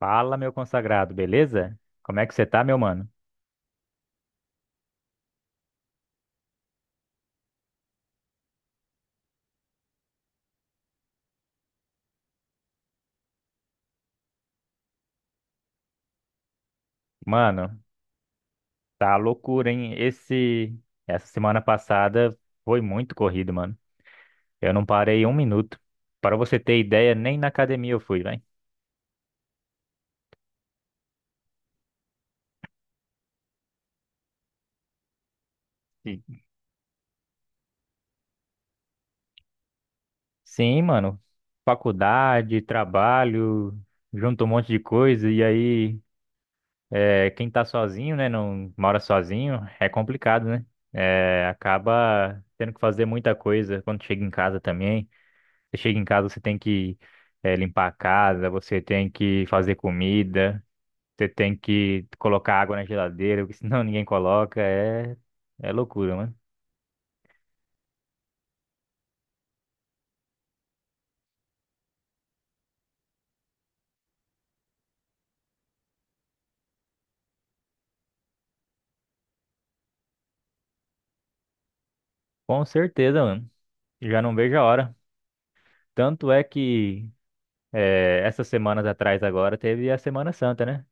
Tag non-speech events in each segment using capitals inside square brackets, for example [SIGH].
Fala, meu consagrado, beleza? Como é que você tá, meu mano? Mano, tá loucura, hein? Essa semana passada foi muito corrido, mano. Eu não parei um minuto. Para você ter ideia, nem na academia eu fui, velho. Sim, sim, mano. Faculdade, trabalho, junto um monte de coisa. E aí, é, quem tá sozinho, né? Não mora sozinho, é complicado, né? É, acaba tendo que fazer muita coisa quando chega em casa também. Você chega em casa, você tem que limpar a casa, você tem que fazer comida, você tem que colocar água na geladeira, [LAUGHS] porque senão ninguém coloca. É, é loucura, mano. Com certeza, mano. Já não vejo a hora. Tanto é que essas semanas atrás agora teve a Semana Santa, né?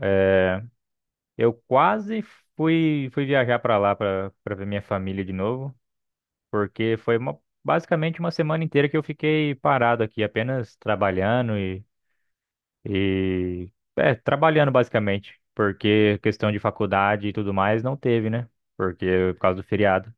Eh, eu quase fui viajar pra lá pra para ver minha família de novo, porque basicamente uma semana inteira que eu fiquei parado aqui, apenas trabalhando. E é, trabalhando basicamente, porque questão de faculdade e tudo mais não teve, né? Porque por causa do feriado.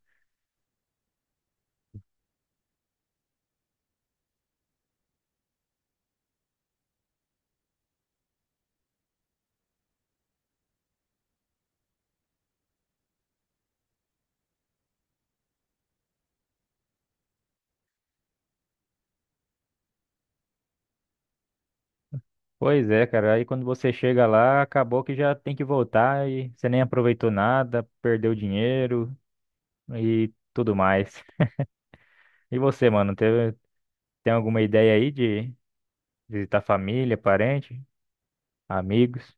Pois é, cara, aí quando você chega lá, acabou que já tem que voltar e você nem aproveitou nada, perdeu dinheiro e tudo mais. E você, mano, tem alguma ideia aí de visitar família, parente, amigos?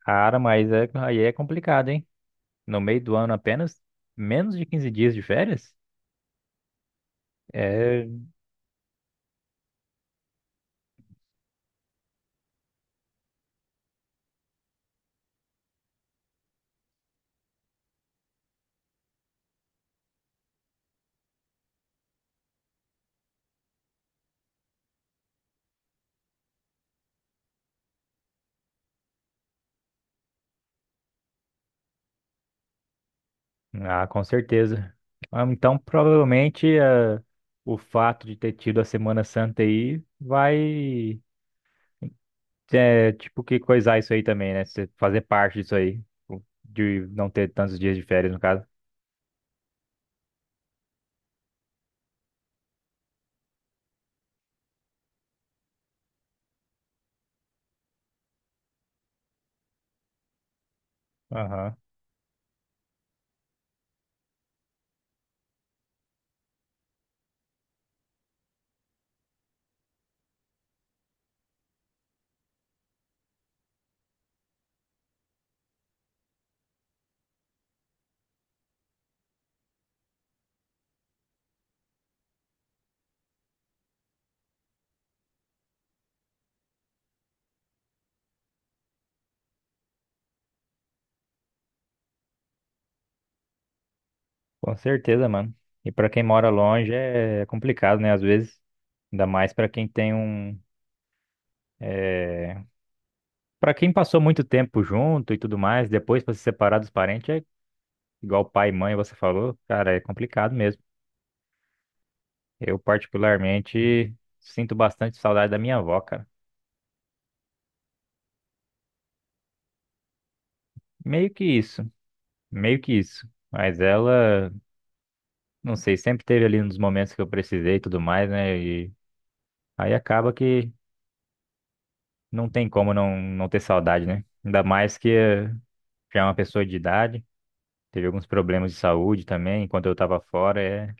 Cara, aí é complicado, hein? No meio do ano apenas menos de 15 dias de férias? É. Ah, com certeza. Ah, então, provavelmente, o fato de ter tido a Semana Santa aí vai, é, tipo, que coisar isso aí também, né? Você fazer parte disso aí, de não ter tantos dias de férias, no caso. Aham. Com certeza, mano. E pra quem mora longe é complicado, né? Às vezes, ainda mais pra quem tem um. É... Para quem passou muito tempo junto e tudo mais, depois pra se separar dos parentes é igual pai e mãe você falou, cara, é complicado mesmo. Eu particularmente sinto bastante saudade da minha avó, cara. Meio que isso, meio que isso. Mas ela, não sei, sempre teve ali nos momentos que eu precisei e tudo mais, né? E aí acaba que não tem como não ter saudade, né? Ainda mais que já é uma pessoa de idade, teve alguns problemas de saúde também, enquanto eu tava fora, é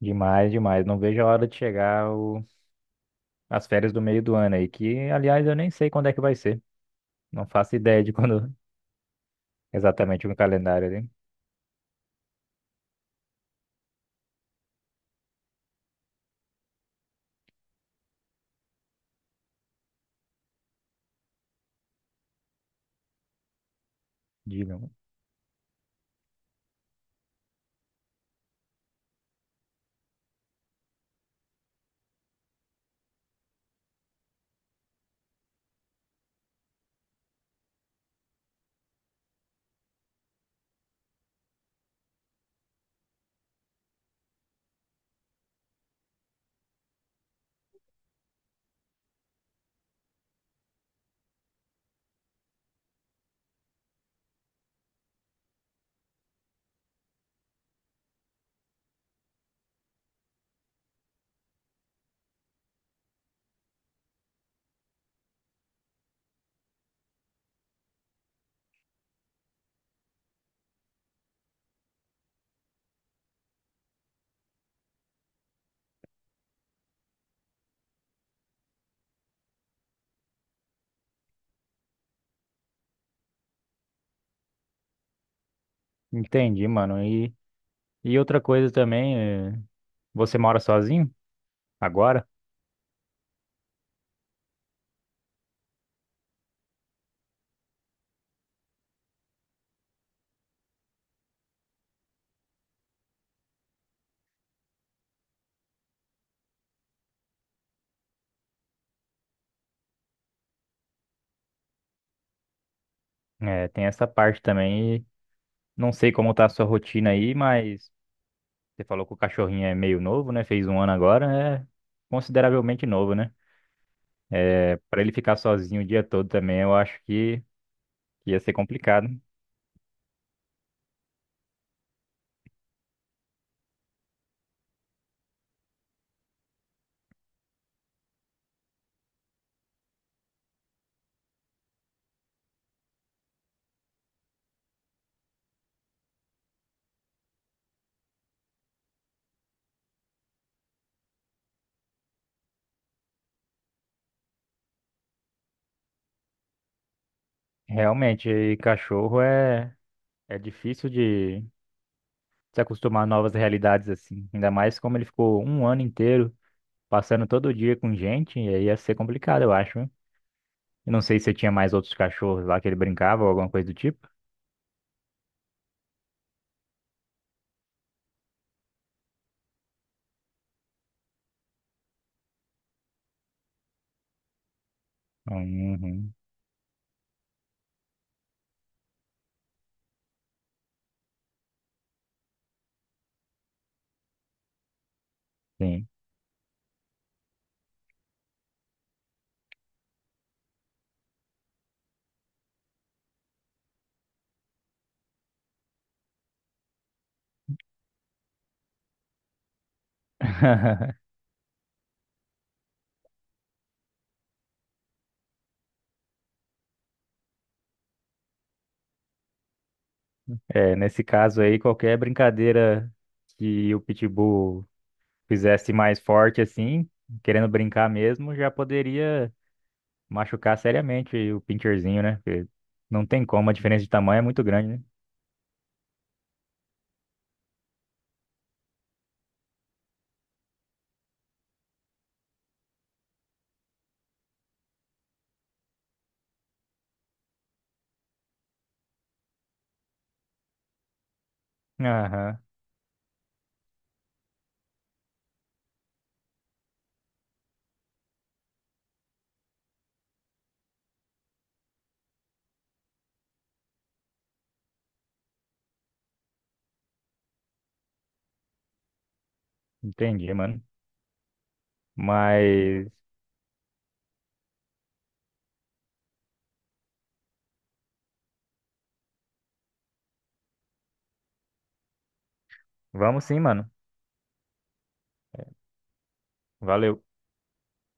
demais, demais. Não vejo a hora de chegar as férias do meio do ano aí, que aliás eu nem sei quando é que vai ser. Não faço ideia de quando [LAUGHS] exatamente no calendário ali. Diga. Entendi, mano. E outra coisa também, é, você mora sozinho agora? É, tem essa parte também. E não sei como tá a sua rotina aí, mas você falou que o cachorrinho é meio novo, né? Fez um ano agora, é consideravelmente novo, né? É, para ele ficar sozinho o dia todo também, eu acho que ia ser complicado. Realmente, e é difícil de se acostumar a novas realidades assim. Ainda mais como ele ficou um ano inteiro passando todo dia com gente, e aí ia ser complicado, eu acho, né? Eu não sei se tinha mais outros cachorros lá que ele brincava ou alguma coisa do tipo. Uhum, sim. [LAUGHS] É, nesse caso aí, qualquer brincadeira que o Pitbull fizesse mais forte assim, querendo brincar mesmo, já poderia machucar seriamente o Pincherzinho, né? Porque não tem como, a diferença de tamanho é muito grande, né? Aham, entendi, mano. Mas vamos sim, mano. Valeu.